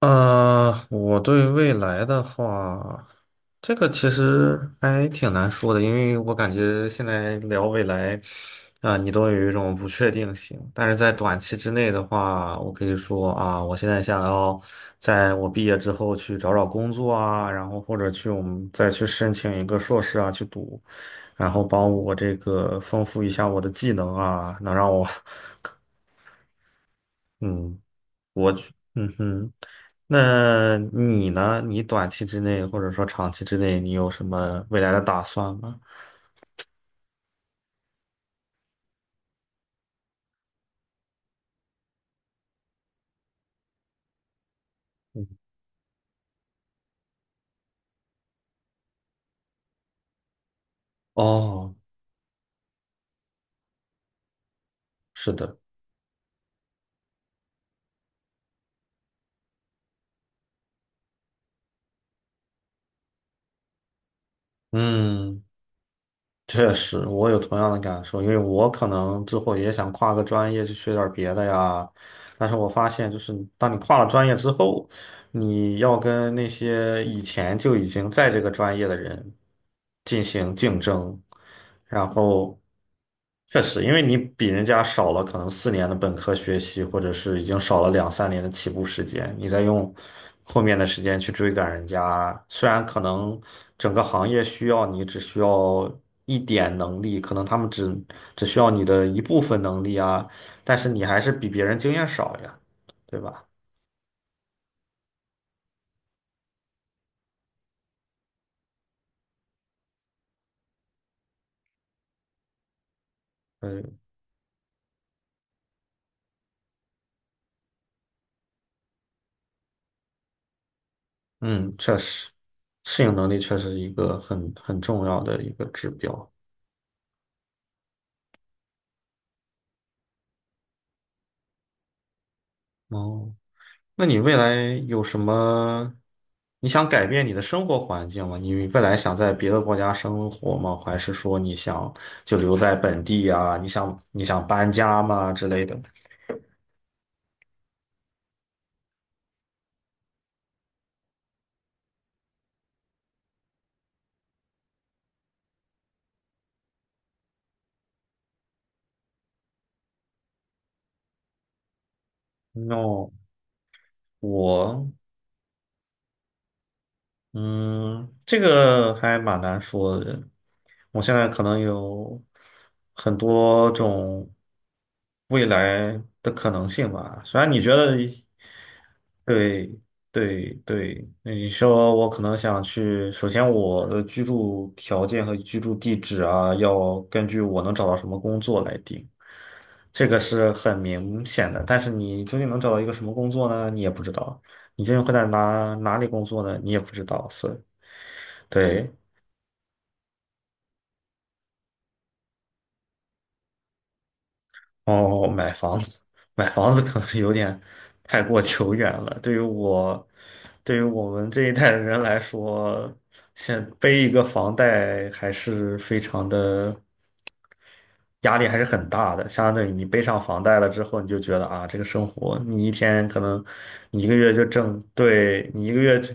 我对未来的话，这个其实还挺难说的，因为我感觉现在聊未来，啊、你都有一种不确定性。但是在短期之内的话，我可以说啊，我现在想要在我毕业之后去找找工作啊，然后或者我们再去申请一个硕士啊去读，然后帮我这个丰富一下我的技能啊，能让我，嗯，我去，嗯哼。那你呢？你短期之内或者说长期之内，你有什么未来的打算吗？嗯，哦，是的，嗯，确实，我有同样的感受，因为我可能之后也想跨个专业去学点儿别的呀，但是我发现，就是当你跨了专业之后，你要跟那些以前就已经在这个专业的人进行竞争，然后确实，因为你比人家少了可能4年的本科学习，或者是已经少了两三年的起步时间，你再用后面的时间去追赶人家，虽然可能整个行业需要你只需要一点能力，可能他们只需要你的一部分能力啊，但是你还是比别人经验少呀，对吧？嗯。嗯，确实，适应能力确实是一个很重要的一个指标。哦，那你未来有什么？你想改变你的生活环境吗？你未来想在别的国家生活吗？还是说你想就留在本地啊？你想搬家吗之类的？No，我。嗯，这个还蛮难说的。我现在可能有很多种未来的可能性吧。虽然你觉得，对对对，那你说我可能想去，首先我的居住条件和居住地址啊，要根据我能找到什么工作来定，这个是很明显的。但是你究竟能找到一个什么工作呢？你也不知道。你究竟会在哪里工作呢？你也不知道，所以。对，哦，买房子，买房子可能有点太过久远了。对于我，对于我们这一代的人来说，现背一个房贷还是非常的压力，还是很大的。相当于你背上房贷了之后，你就觉得啊，这个生活，你一天可能你一个月就挣，对，你一个月。就。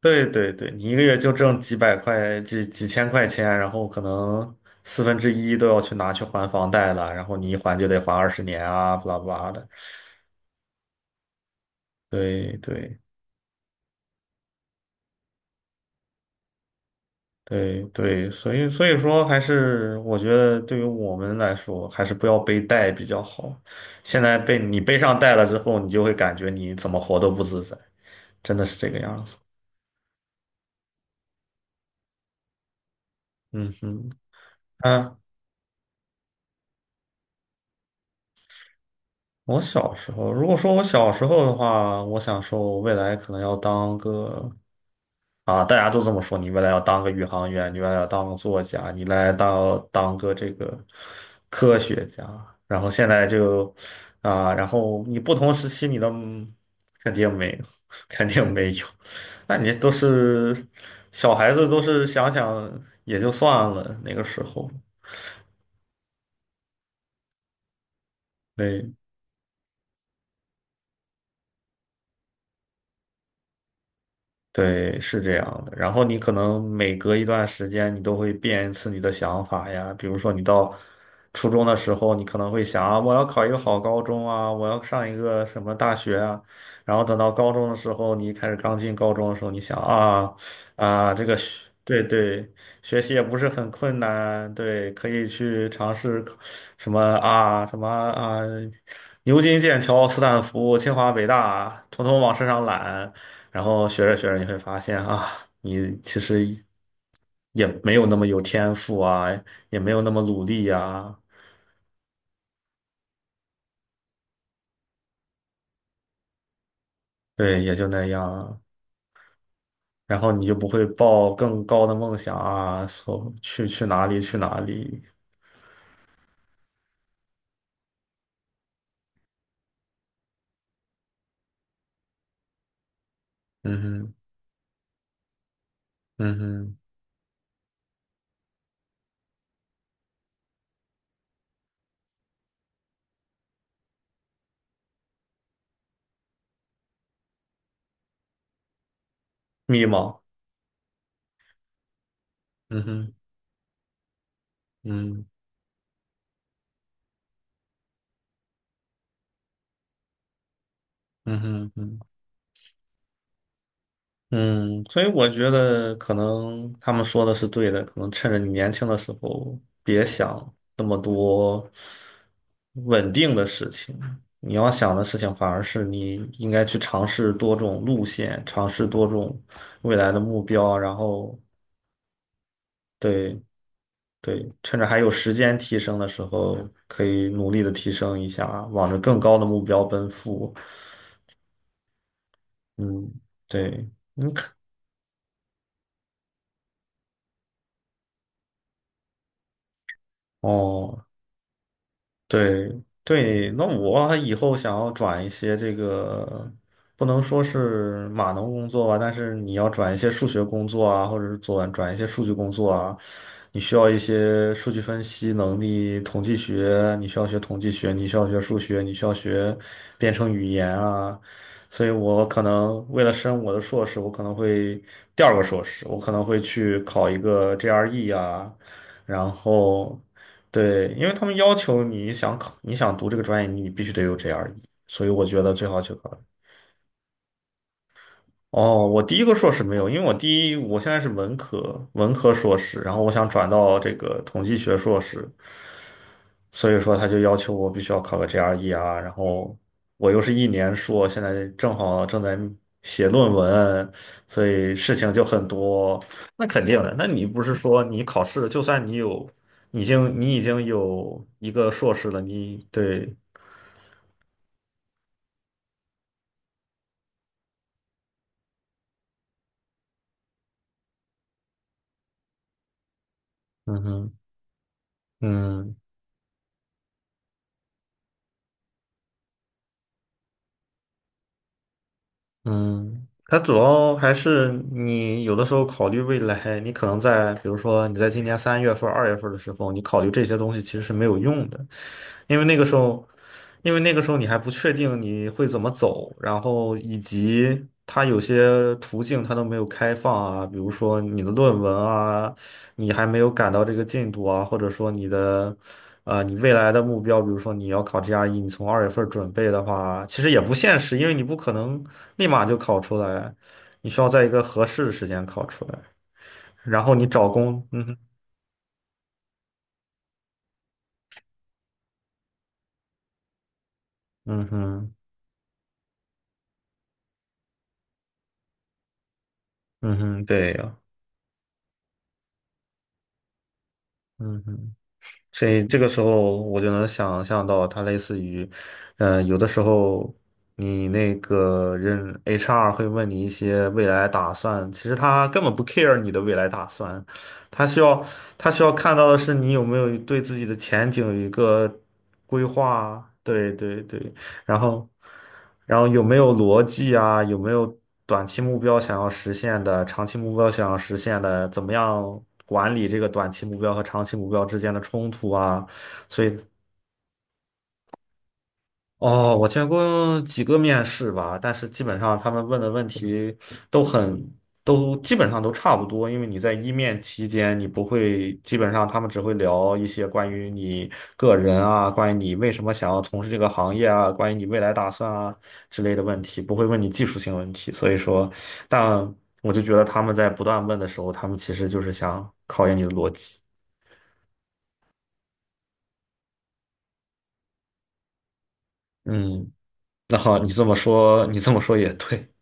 对对对，你一个月就挣几百块、几千块钱，然后可能四分之一都要去拿去还房贷了，然后你一还就得还20年啊，巴拉巴拉的。对对对对，所以说还是我觉得对于我们来说，还是不要背贷比较好。现在被你背上贷了之后，你就会感觉你怎么活都不自在，真的是这个样子。嗯哼。啊，我小时候，如果说我小时候的话，我想说，我未来可能要当个。啊，大家都这么说，你未来要当个宇航员，你未来要当个作家，你未来当个这个科学家，然后现在就啊，然后你不同时期你的肯定没有，肯定没有，那你都是小孩子，都是想想也就算了，那个时候，对，对，是这样的。然后你可能每隔一段时间，你都会变一次你的想法呀。比如说，你到初中的时候，你可能会想啊，我要考一个好高中啊，我要上一个什么大学啊。然后等到高中的时候，你一开始刚进高中的时候，你想啊啊，这个学对对，学习也不是很困难，对，可以去尝试考什么啊什么啊，牛津、剑桥、斯坦福、清华、北大，统统往身上揽。然后学着学着，你会发现啊，你其实也没有那么有天赋啊，也没有那么努力呀、对，也就那样。然后你就不会抱更高的梦想啊，说去去哪里去哪里，嗯哼，嗯哼，迷茫，嗯哼，嗯，嗯哼嗯哼。嗯，所以我觉得可能他们说的是对的，可能趁着你年轻的时候，别想那么多稳定的事情。你要想的事情反而是你应该去尝试多种路线，尝试多种未来的目标，然后对对，趁着还有时间提升的时候，可以努力的提升一下，往着更高的目标奔赴。嗯，对，哦。对对，那我还以后想要转一些这个，不能说是码农工作吧，但是你要转一些数学工作啊，或者是转一些数据工作啊，你需要一些数据分析能力、统计学，你需要学统计学，你需要学数学，你需要学编程语言啊。所以我可能为了升我的硕士，我可能会第二个硕士，我可能会去考一个 GRE 啊。然后对，因为他们要求你想考，你想读这个专业，你必须得有 GRE，所以我觉得最好就考。哦，我第一个硕士没有，因为我第一我现在是文科硕士，然后我想转到这个统计学硕士，所以说他就要求我必须要考个 GRE 啊，然后我又是一年硕，现在正好正在写论文，所以事情就很多。那肯定的，那你不是说你考试，就算你有，你已经有一个硕士了，你对，嗯哼，嗯。嗯，它主要还是你有的时候考虑未来，你可能在比如说你在今年3月份儿、二月份的时候，你考虑这些东西其实是没有用的。因为那个时候，因为那个时候你还不确定你会怎么走，然后以及它有些途径它都没有开放啊，比如说你的论文啊，你还没有赶到这个进度啊，或者说你的，你未来的目标，比如说你要考 GRE，你从二月份准备的话，其实也不现实，因为你不可能立马就考出来，你需要在一个合适的时间考出来，然后你找工，嗯哼，嗯哼，嗯哼，对呀，嗯哼。所以这个时候我就能想象到，它类似于，有的时候你那个人 HR 会问你一些未来打算，其实他根本不 care 你的未来打算，他需要他需要看到的是你有没有对自己的前景有一个规划。对对对，然后，然后有没有逻辑啊？有没有短期目标想要实现的，长期目标想要实现的？怎么样管理这个短期目标和长期目标之间的冲突啊？所以哦，我见过几个面试吧，但是基本上他们问的问题都很，都基本上都差不多，因为你在一面期间，你不会，基本上他们只会聊一些关于你个人啊，关于你为什么想要从事这个行业啊，关于你未来打算啊之类的问题，不会问你技术性问题。所以说，但我就觉得他们在不断问的时候，他们其实就是想考验你的逻辑。嗯，那好，你这么说，你这么说也对。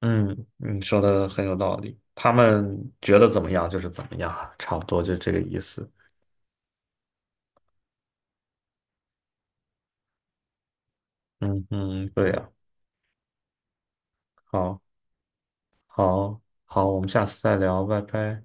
嗯，你说的很有道理。他们觉得怎么样就是怎么样啊，差不多就这个意思。嗯嗯，对呀，好，好，好，我们下次再聊，拜拜。